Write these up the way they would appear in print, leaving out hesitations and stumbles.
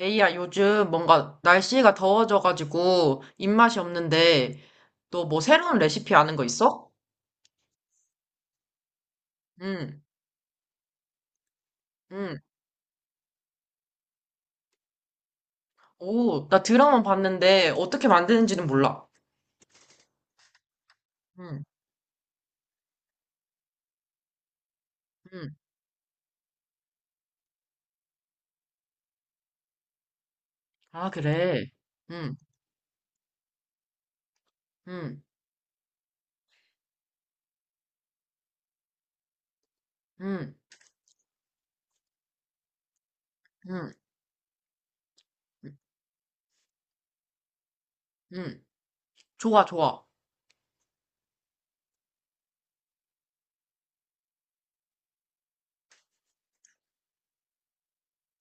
에이야, 요즘 뭔가 날씨가 더워져가지고 입맛이 없는데, 너 뭐 새로운 레시피 아는 거 있어? 응, 응. 오, 나 드라마 봤는데 어떻게 만드는지는 몰라. 응, 응. 아, 그래. 응, 응, 응, 응, 응. 응. 좋아, 좋아.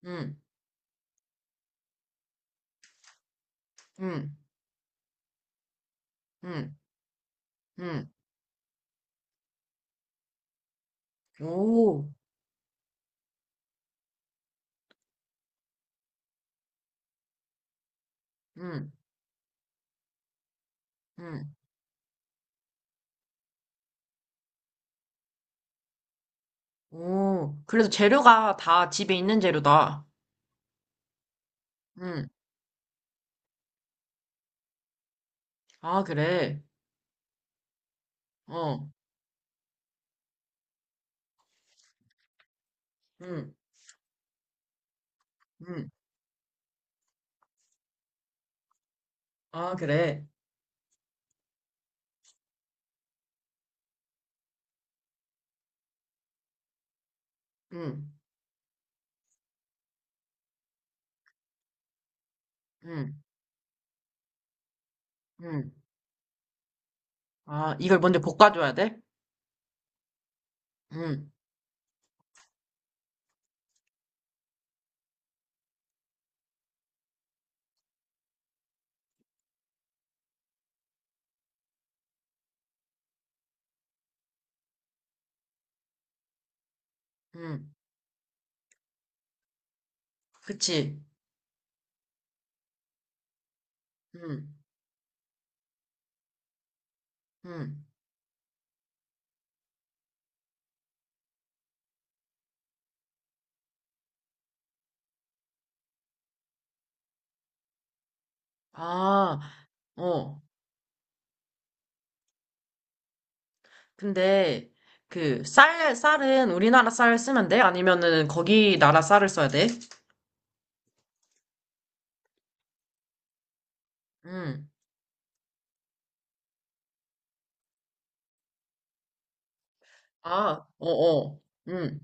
응, 응, 응, 응. 오, 응, 응. 오. 그래서 재료가 다 집에 있는 재료다. 응. 아, 그래. 어, 응, 응. 아, 그래. 응, 응, 응. 아, 이걸 먼저 볶아줘야 돼? 응, 응. 그치. 응, 응. 아, 어. 근데, 그, 쌀은 우리나라 쌀 쓰면 돼? 아니면은 거기 나라 쌀을 써야 돼? 응. 아, 어어. 응,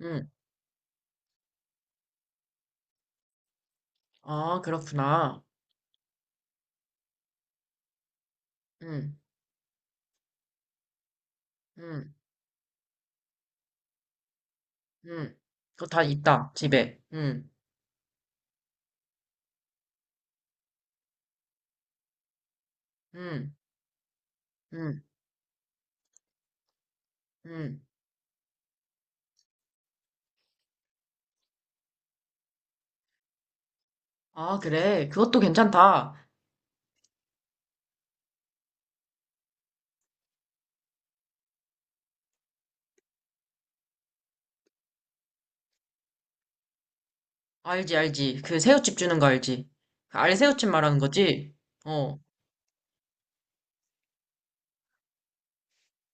응. 아, 그렇구나. 응, 응, 응. 그거 다 있다, 집에. 응, 응, 응, 응. 아, 그래. 그것도 괜찮다. 알지, 알지. 그 새우칩 주는 거 알지? 그 알새우칩 말하는 거지? 어,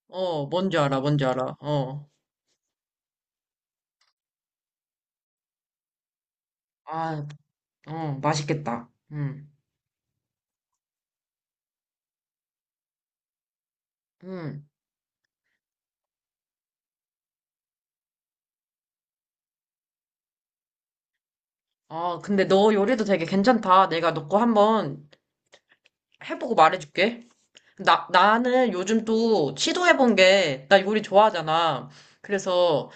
어, 뭔지 알아, 뭔지 알아. 어, 아, 어, 맛있겠다. 음. 아, 근데 너 요리도 되게 괜찮다. 내가 너 거 한번 해보고 말해줄게. 나는 요즘 또 시도해본 게, 나 요리 좋아하잖아. 그래서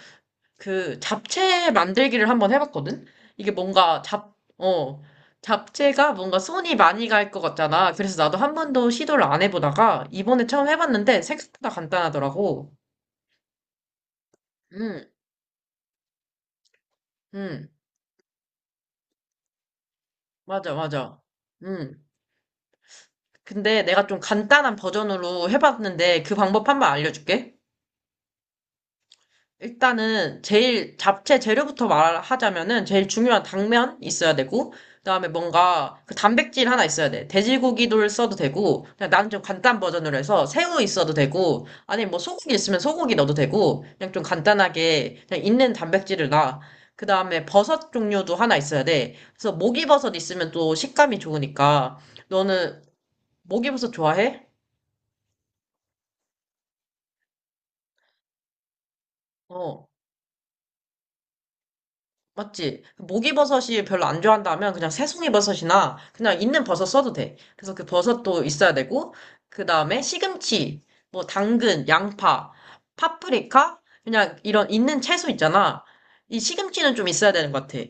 그 잡채 만들기를 한번 해봤거든? 이게 뭔가 잡채가 뭔가 손이 많이 갈 것 같잖아. 그래서 나도 한 번도 시도를 안 해보다가 이번에 처음 해봤는데 생각보다 간단하더라고. 응, 응, 맞아, 맞아. 응. 근데 내가 좀 간단한 버전으로 해봤는데 그 방법 한 번 알려줄게. 일단은 제일 잡채 재료부터 말하자면은 제일 중요한 당면 있어야 되고, 그다음에 뭔가 그 단백질 하나 있어야 돼. 돼지고기를 써도 되고 그냥 나는 좀 간단 버전으로 해서 새우 있어도 되고 아니면 뭐 소고기 있으면 소고기 넣어도 되고 그냥 좀 간단하게 그냥 있는 단백질을 놔. 그다음에 버섯 종류도 하나 있어야 돼. 그래서 목이버섯 있으면 또 식감이 좋으니까 너는 목이버섯 좋아해? 어. 맞지? 목이버섯이 별로 안 좋아한다면 그냥 새송이버섯이나 그냥 있는 버섯 써도 돼. 그래서 그 버섯도 있어야 되고, 그 다음에 시금치, 뭐 당근, 양파, 파프리카, 그냥 이런 있는 채소 있잖아. 이 시금치는 좀 있어야 되는 것 같아.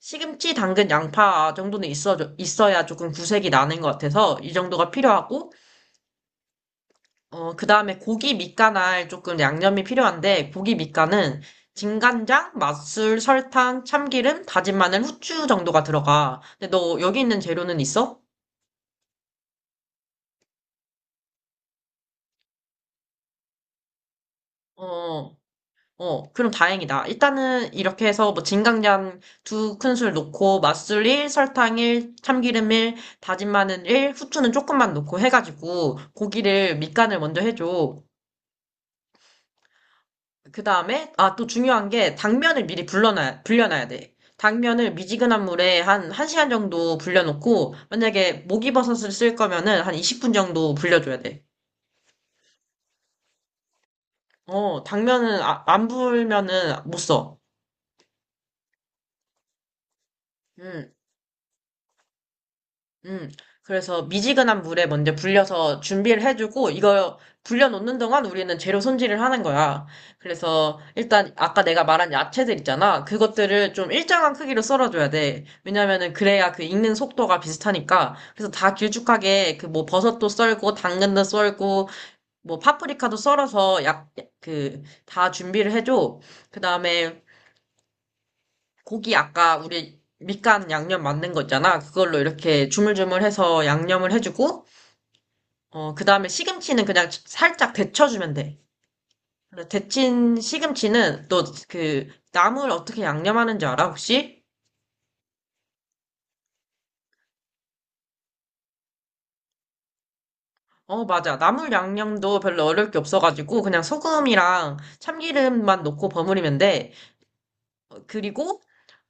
시금치, 당근, 양파 정도는 있어, 있어야 조금 구색이 나는 것 같아서 이 정도가 필요하고, 어, 그다음에 고기 밑간할 조금 양념이 필요한데, 고기 밑간은 진간장, 맛술, 설탕, 참기름, 다진 마늘, 후추 정도가 들어가. 근데 너 여기 있는 재료는 있어? 어, 어, 그럼 다행이다. 일단은 이렇게 해서 뭐 진간장 두 큰술 넣고 맛술 1, 설탕 1, 참기름 1, 다진 마늘 1, 후추는 조금만 넣고 해가지고 고기를 밑간을 먼저 해줘. 그 다음에, 아, 또 중요한 게, 불려놔야 돼. 당면을 미지근한 물에 한, 1시간 정도 불려놓고, 만약에 목이버섯을 쓸 거면은 한 20분 정도 불려줘야 돼. 어, 당면은, 안 불면은 못 써. 음. 음, 그래서 미지근한 물에 먼저 불려서 준비를 해주고, 이거 불려놓는 동안 우리는 재료 손질을 하는 거야. 그래서 일단 아까 내가 말한 야채들 있잖아. 그것들을 좀 일정한 크기로 썰어줘야 돼. 왜냐면은 그래야 그 익는 속도가 비슷하니까. 그래서 다 길쭉하게 그 뭐 버섯도 썰고, 당근도 썰고, 뭐 파프리카도 썰어서 약, 그, 다 준비를 해줘. 그 다음에 고기 아까 우리 밑간 양념 만든 거 있잖아. 그걸로 이렇게 주물주물해서 양념을 해주고, 어, 그 다음에 시금치는 그냥 살짝 데쳐주면 돼. 근데 데친 시금치는 너 그 나물 어떻게 양념하는지 알아, 혹시? 어, 맞아. 나물 양념도 별로 어려울 게 없어가지고 그냥 소금이랑 참기름만 넣고 버무리면 돼. 어, 그리고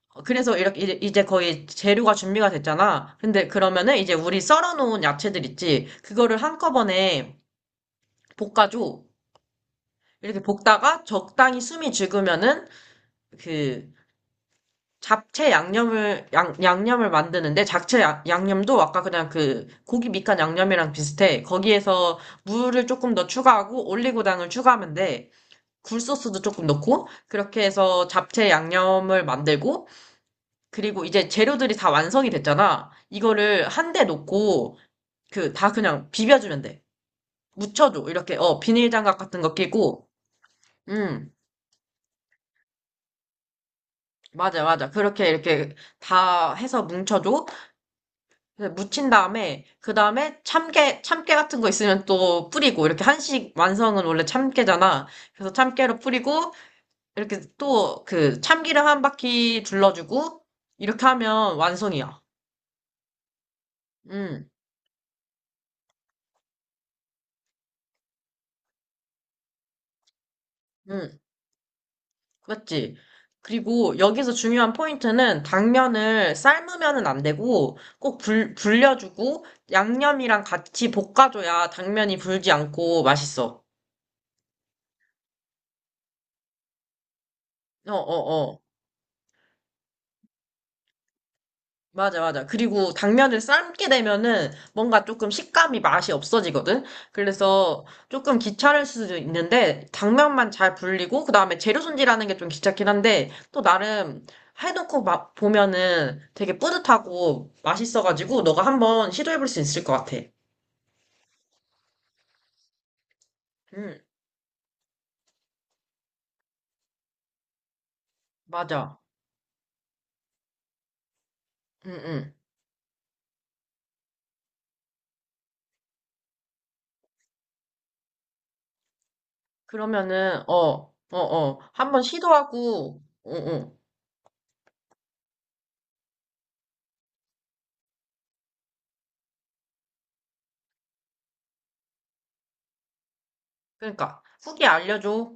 어, 그래서 이렇게 이제 거의 재료가 준비가 됐잖아. 근데 그러면은 이제 우리 썰어놓은 야채들 있지? 그거를 한꺼번에 볶아줘. 이렇게 볶다가 적당히 숨이 죽으면은 그 잡채 양념을 만드는데, 잡채 양념도 아까 그냥 그 고기 밑간 양념이랑 비슷해. 거기에서 물을 조금 더 추가하고 올리고당을 추가하면 돼. 굴소스도 조금 넣고 그렇게 해서 잡채 양념을 만들고, 그리고 이제 재료들이 다 완성이 됐잖아. 이거를 한 대 놓고 그 다 그냥 비벼주면 돼. 묻혀줘. 이렇게 어 비닐장갑 같은 거 끼고, 음, 맞아 맞아, 그렇게 이렇게 다 해서 뭉쳐줘. 그래서 묻힌 다음에 그 다음에 참깨 같은 거 있으면 또 뿌리고, 이렇게 한식 완성은 원래 참깨잖아. 그래서 참깨로 뿌리고 이렇게 또 그 참기름 한 바퀴 둘러주고 이렇게 하면 완성이야. 음, 음, 맞지? 그리고 여기서 중요한 포인트는 당면을 삶으면은 안 되고 꼭 불려주고, 양념이랑 같이 볶아줘야 당면이 불지 않고 맛있어. 어, 어, 어. 맞아, 맞아. 그리고 당면을 삶게 되면은 뭔가 조금 식감이 맛이 없어지거든? 그래서 조금 귀찮을 수도 있는데, 당면만 잘 불리고, 그 다음에 재료 손질하는 게 좀 귀찮긴 한데, 또 나름 해놓고 막 보면은 되게 뿌듯하고 맛있어가지고, 너가 한번 시도해볼 수 있을 것 같아. 응, 맞아. 응, 응. 그러면은, 어, 어, 어. 한번 시도하고, 응, 응. 그러니까, 후기 알려줘.